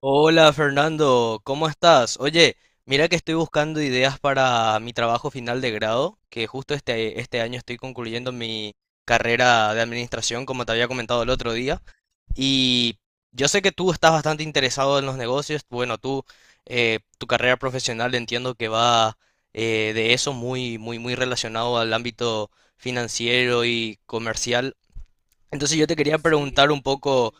Hola Fernando, ¿cómo estás? Oye, mira que estoy buscando ideas para mi trabajo final de grado, que justo este año estoy concluyendo mi carrera de administración, como te había comentado el otro día. Y yo sé que tú estás bastante interesado en los negocios. Bueno, tú, tu carrera profesional entiendo que va de eso muy, muy, muy relacionado al ámbito financiero y comercial. Entonces yo te quería preguntar un poco.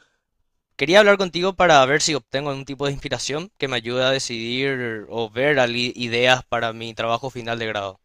Quería hablar contigo para ver si obtengo algún tipo de inspiración que me ayude a decidir o ver ideas para mi trabajo final de grado.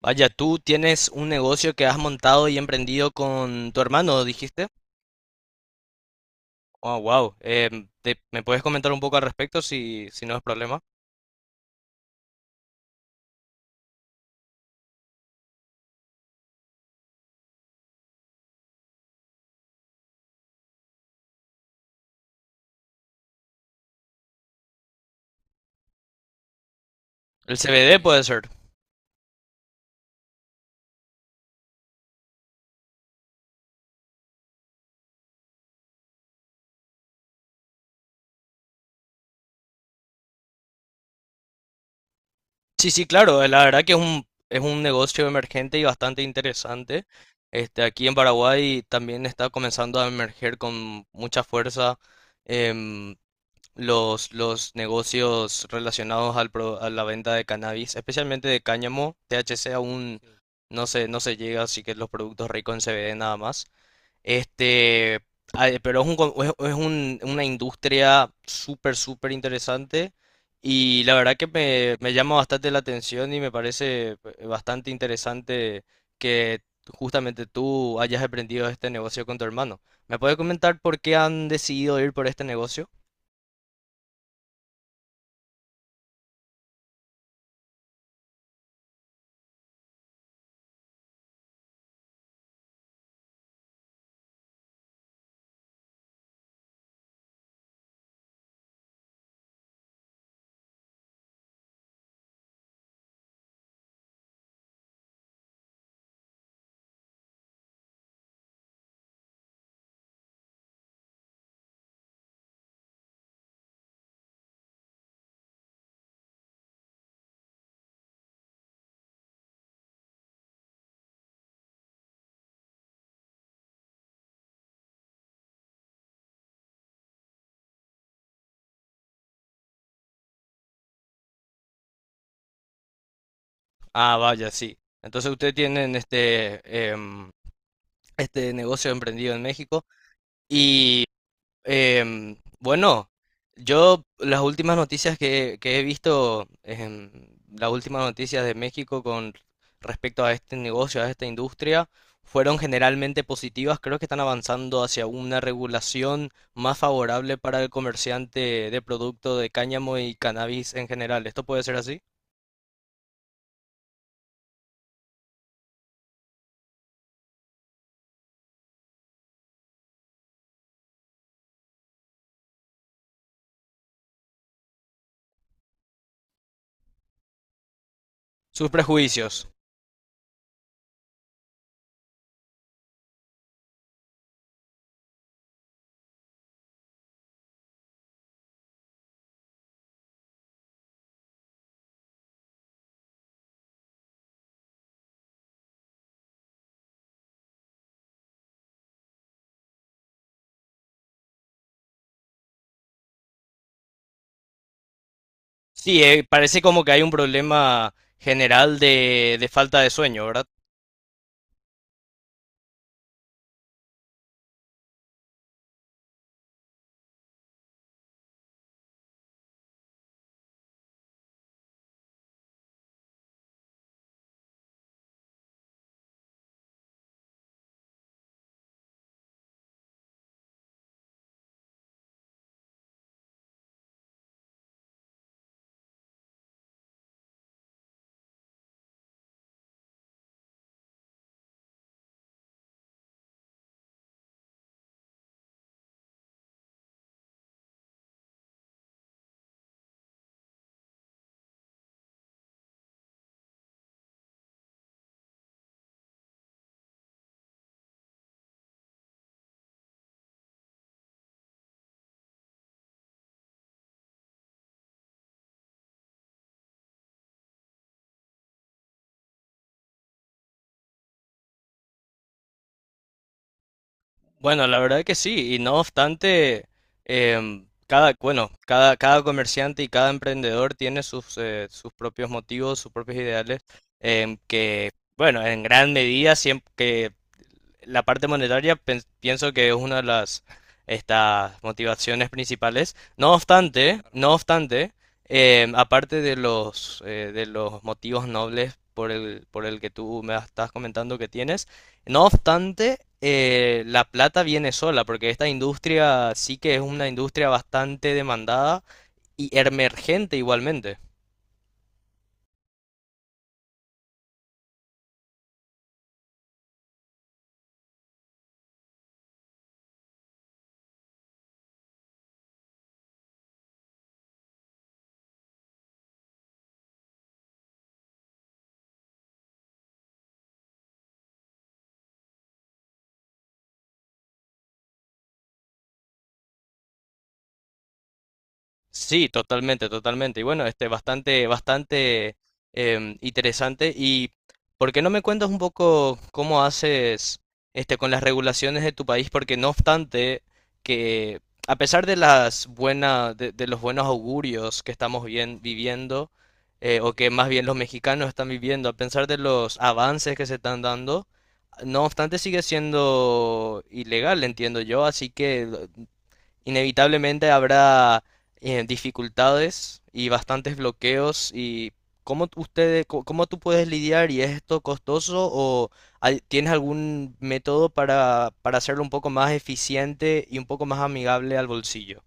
Vaya, tú tienes un negocio que has montado y emprendido con tu hermano, dijiste. Oh, wow. ¿Me puedes comentar un poco al respecto si no es problema? El CBD puede ser. Sí, sí, claro. La verdad que es es un negocio emergente y bastante interesante. Este, aquí en Paraguay también está comenzando a emerger con mucha fuerza. em, los negocios relacionados al a la venta de cannabis, especialmente de cáñamo, THC aún no se llega, así que los productos ricos en CBD nada más. Este, pero es es una industria súper, súper interesante y la verdad que me llama bastante la atención y me parece bastante interesante que justamente tú hayas aprendido este negocio con tu hermano. ¿Me puedes comentar por qué han decidido ir por este negocio? Ah, vaya, sí. Entonces ustedes tienen este, este negocio emprendido en México y bueno, yo las últimas noticias que he visto, las últimas noticias de México con respecto a este negocio, a esta industria, fueron generalmente positivas. Creo que están avanzando hacia una regulación más favorable para el comerciante de producto de cáñamo y cannabis en general. ¿Esto puede ser así? Sus prejuicios. Sí, parece como que hay un problema general de falta de sueño, ¿verdad? Bueno, la verdad que sí, y no obstante, cada, bueno, cada comerciante y cada emprendedor tiene sus, sus propios motivos, sus propios ideales, que, bueno, en gran medida, siempre que la parte monetaria pienso que es una de las estas motivaciones principales. No obstante, no obstante, aparte de los motivos nobles por el que tú me estás comentando que tienes, no obstante, la plata viene sola, porque esta industria sí que es una industria bastante demandada y emergente igualmente. Sí, totalmente, totalmente. Y bueno, este, bastante, bastante interesante. ¿Y por qué no me cuentas un poco cómo haces este con las regulaciones de tu país? Porque no obstante que, a pesar de las buenas, de los buenos augurios que estamos bien, viviendo, o que más bien los mexicanos están viviendo, a pesar de los avances que se están dando, no obstante sigue siendo ilegal, entiendo yo. Así que inevitablemente habrá dificultades y bastantes bloqueos y ¿cómo ustedes, cómo tú puedes lidiar y es esto costoso o tienes algún método para hacerlo un poco más eficiente y un poco más amigable al bolsillo?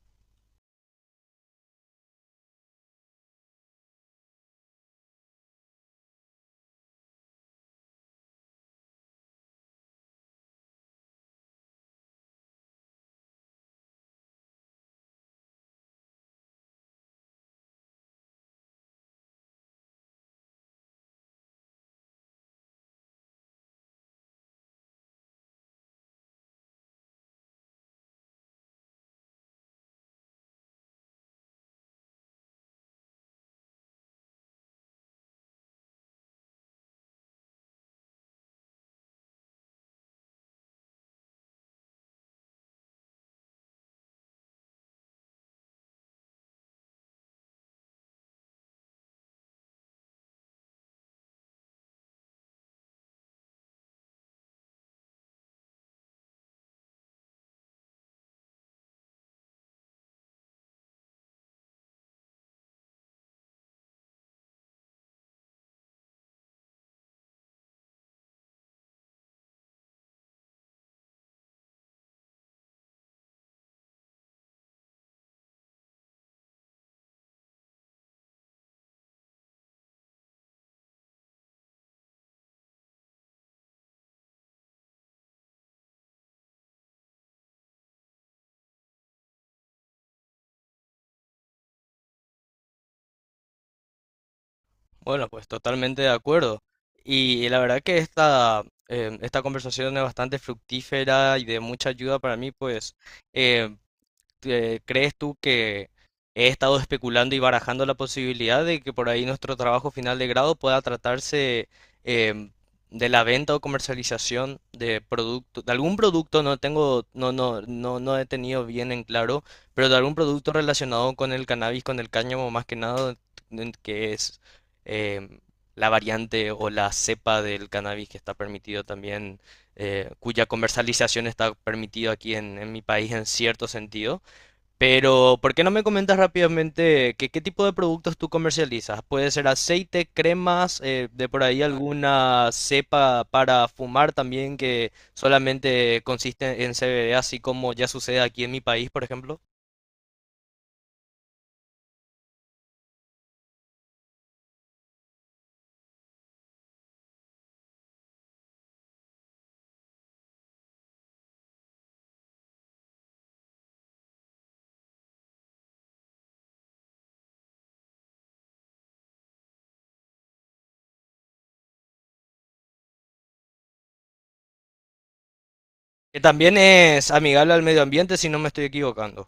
Bueno, pues totalmente de acuerdo. Y la verdad que esta, esta conversación es bastante fructífera y de mucha ayuda para mí, pues ¿crees tú que he estado especulando y barajando la posibilidad de que por ahí nuestro trabajo final de grado pueda tratarse em, de la venta o comercialización de producto, de algún producto, no tengo, no, no, no, no he tenido bien en claro, pero de algún producto relacionado con el cannabis, con el cáñamo más que nada, en que es em, la variante o la cepa del cannabis que está permitido también, cuya comercialización está permitido aquí en mi país en cierto sentido pero, ¿por qué no me comentas rápidamente qué tipo de productos tú comercializas? Puede ser aceite, cremas, de por ahí alguna cepa para fumar también que solamente consiste en CBD, así como ya sucede aquí en mi país, por ejemplo. Que también es amigable al medio ambiente, si no me estoy equivocando.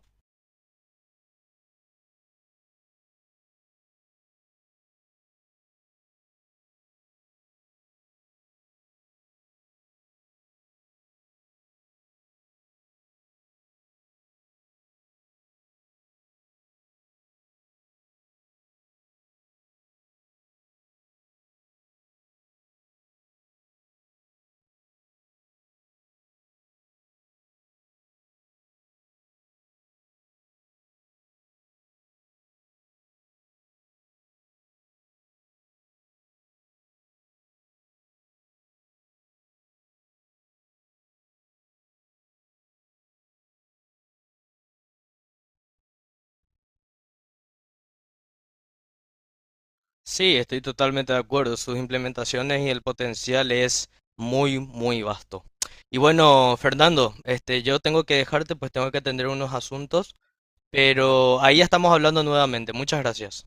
Sí, estoy totalmente de acuerdo. Sus implementaciones y el potencial es muy, muy vasto. Y bueno, Fernando, este, yo tengo que dejarte, pues tengo que atender unos asuntos. Pero ahí ya estamos hablando nuevamente. Muchas gracias.